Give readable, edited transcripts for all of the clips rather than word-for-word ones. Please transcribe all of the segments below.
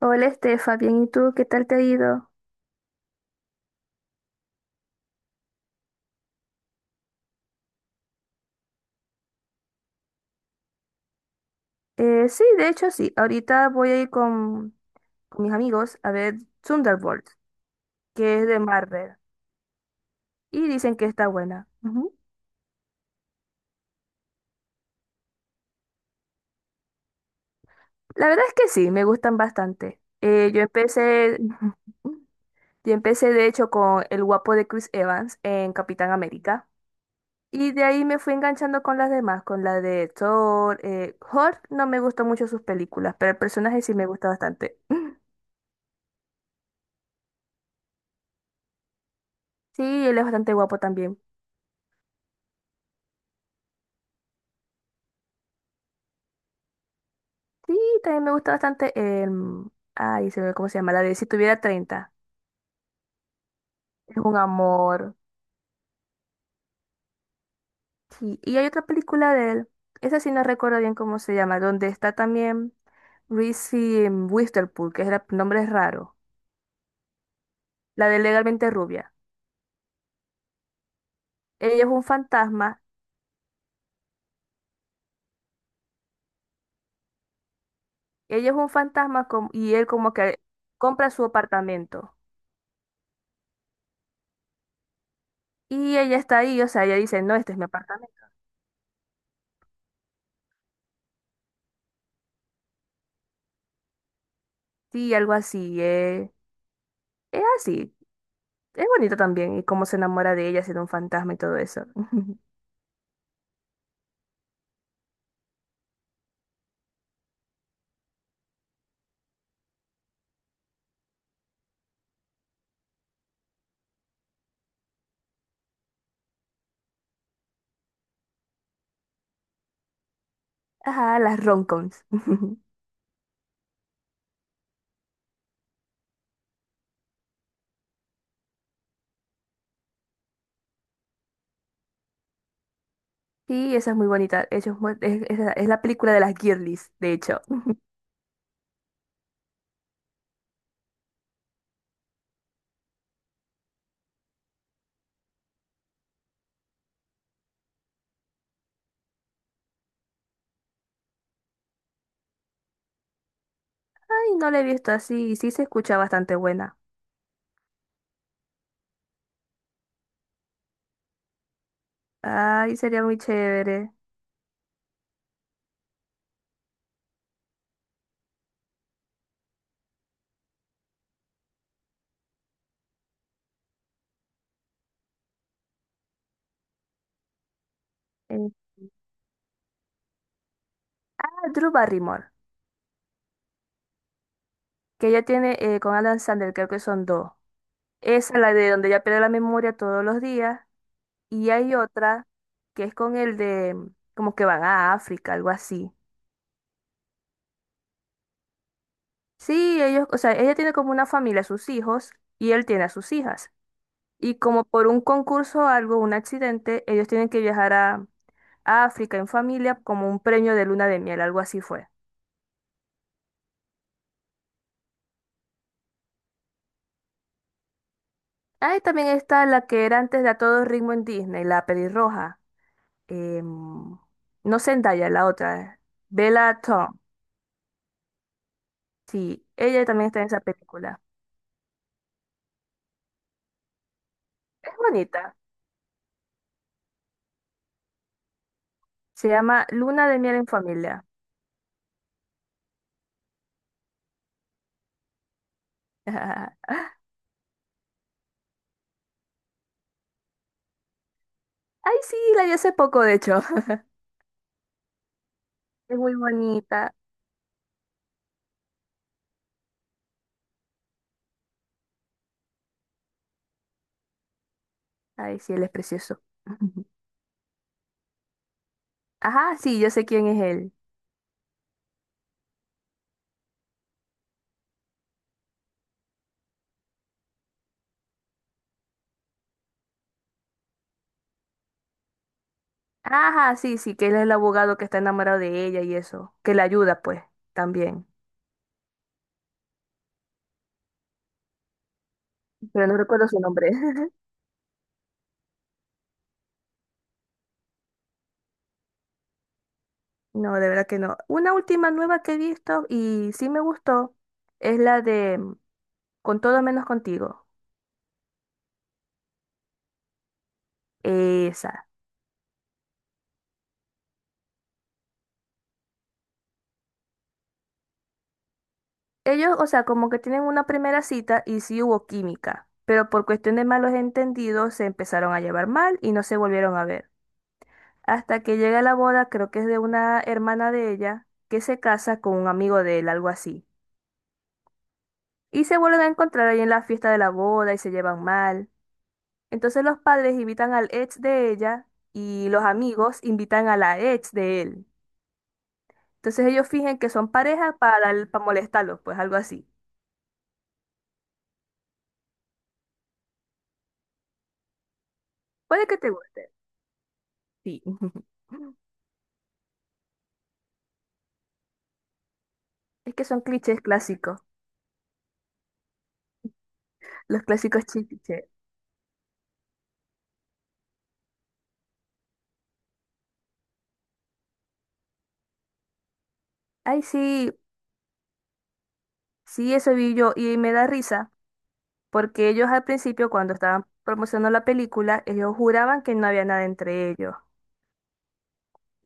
Hola Estefa, bien, ¿y tú qué tal te ha ido? Sí, de hecho sí, ahorita voy a ir con mis amigos a ver Thunderbolts, que es de Marvel, y dicen que está buena. Ujú. La verdad es que sí, me gustan bastante. Yo empecé de hecho con el guapo de Chris Evans en Capitán América, y de ahí me fui enganchando con las demás, con la de Thor, Hulk, no me gustó mucho sus películas, pero el personaje sí me gusta bastante. Sí, él es bastante guapo también. Sí, también me gusta bastante. em, Ay, se ve cómo se llama, la de Si tuviera 30. Es un amor. Sí, y hay otra película de él. Esa sí no recuerdo bien cómo se llama, donde está también Reese Witherspoon, que es el nombre es raro. La de Legalmente Rubia. Ella es un fantasma. Ella es un fantasma y él como que compra su apartamento. Y ella está ahí, o sea, ella dice, no, este es mi apartamento. Sí, algo así. Es así. Es bonito también, y cómo se enamora de ella siendo un fantasma y todo eso. Ajá, las romcoms. Sí, esa es muy bonita. Eso es, es la película de las girlies, de hecho. Ay, no la he visto así, y sí se escucha bastante buena. Ay, sería muy chévere. Eh, ah, Drew Barrymore, que ella tiene con Alan Sandler, creo que son dos. Esa es la de donde ella pierde la memoria todos los días. Y hay otra que es como que van a África, algo así. Sí, ellos, o sea, ella tiene como una familia, sus hijos, y él tiene a sus hijas. Y como por un concurso o algo, un accidente, ellos tienen que viajar a África en familia como un premio de luna de miel, algo así fue. Ahí también está la que era antes de A Todo Ritmo en Disney, la pelirroja. em, no Zendaya, la otra, Bella Thorne. Sí, ella también está en esa película. Es bonita. Se llama Luna de miel en familia. Ay, sí, la vi hace poco, de hecho. Es muy bonita. Ay, sí, él es precioso. Ajá, sí, yo sé quién es él. Ajá, sí, sí, que él es el abogado que está enamorado de ella y eso, que la ayuda, pues, también. Pero no recuerdo su nombre. No, de verdad que no. Una última nueva que he visto y sí me gustó es la de Con todo menos contigo. Esa. Ellos, o sea, como que tienen una primera cita y sí hubo química, pero por cuestión de malos entendidos se empezaron a llevar mal y no se volvieron a ver. Hasta que llega la boda, creo que es de una hermana de ella, que se casa con un amigo de él, algo así. Y se vuelven a encontrar ahí en la fiesta de la boda y se llevan mal. Entonces los padres invitan al ex de ella y los amigos invitan a la ex de él. Entonces ellos fingen que son pareja para molestarlos, pues algo así. Puede que te guste. Sí. Es que son clichés clásicos, los clásicos clichés. Ay, sí, sí, eso vi yo y me da risa porque ellos al principio, cuando estaban promocionando la película, ellos juraban que no había nada entre ellos.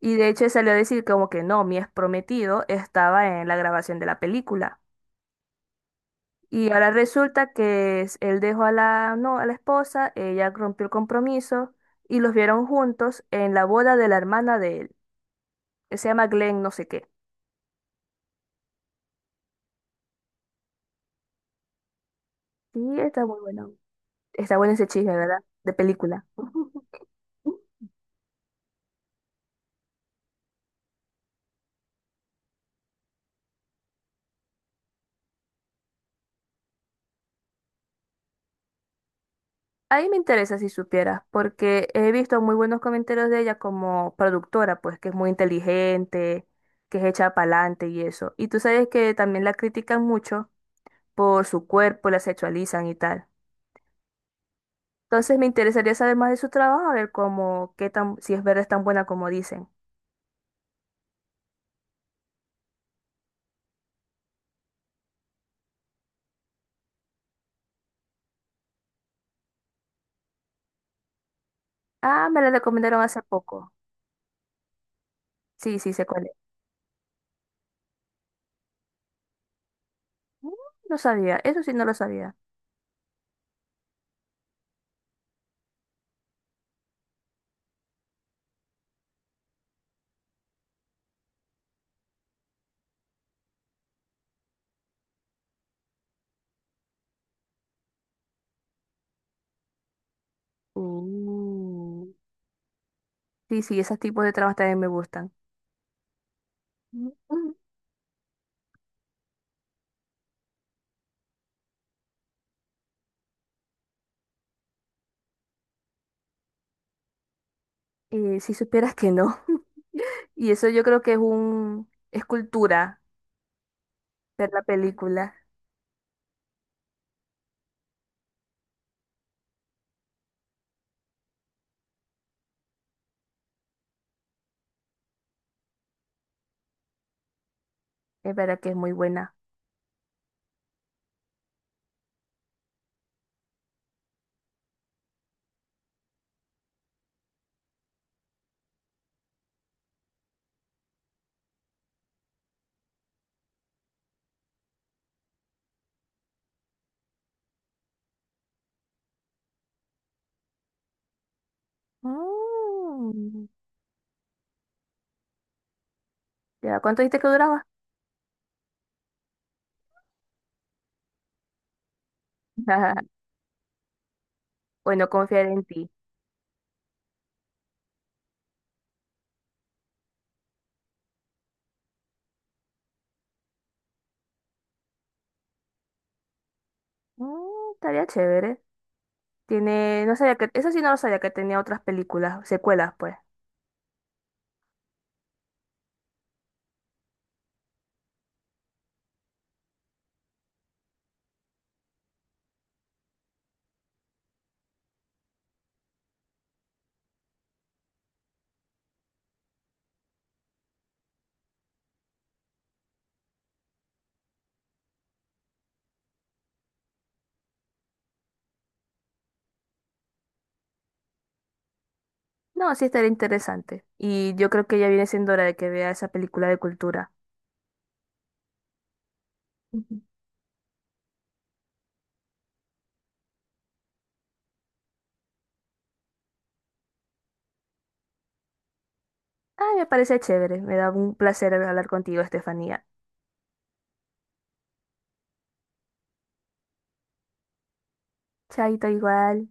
Y de hecho salió a decir como que no, mi ex prometido estaba en la grabación de la película. Y ahora resulta que él dejó no, a la esposa, ella rompió el compromiso y los vieron juntos en la boda de la hermana de él, que se llama Glenn no sé qué. Sí, está muy bueno. Está bueno ese chisme, ¿verdad? De película. Ahí me interesa si supieras, porque he visto muy buenos comentarios de ella como productora, pues que es muy inteligente, que es hecha para adelante y eso. Y tú sabes que también la critican mucho por su cuerpo, la sexualizan y tal. Entonces me interesaría saber más de su trabajo, a ver cómo, qué tan, si es verdad es tan buena como dicen. Ah, me la recomendaron hace poco. Sí, sí, sé cuál es. Mm, no sabía, eso sí no lo sabía. Uh. Sí, sí, esos tipos de trabajos también me gustan. Mm, mm. Si supieras que no. Y eso yo creo que es es cultura ver la película. Es verdad que es muy buena. Mm. ¿Ya cuánto dijiste que duraba? Ajá. Bueno, confiar en ti. Mm, estaría chévere. Tiene, no sabía eso sí no lo sabía que tenía otras películas, secuelas, pues. No, sí estaría interesante. Y yo creo que ya viene siendo hora de que vea esa película de cultura. Ujú. Ay, me parece chévere. Me da un placer hablar contigo, Estefanía. Chaito igual.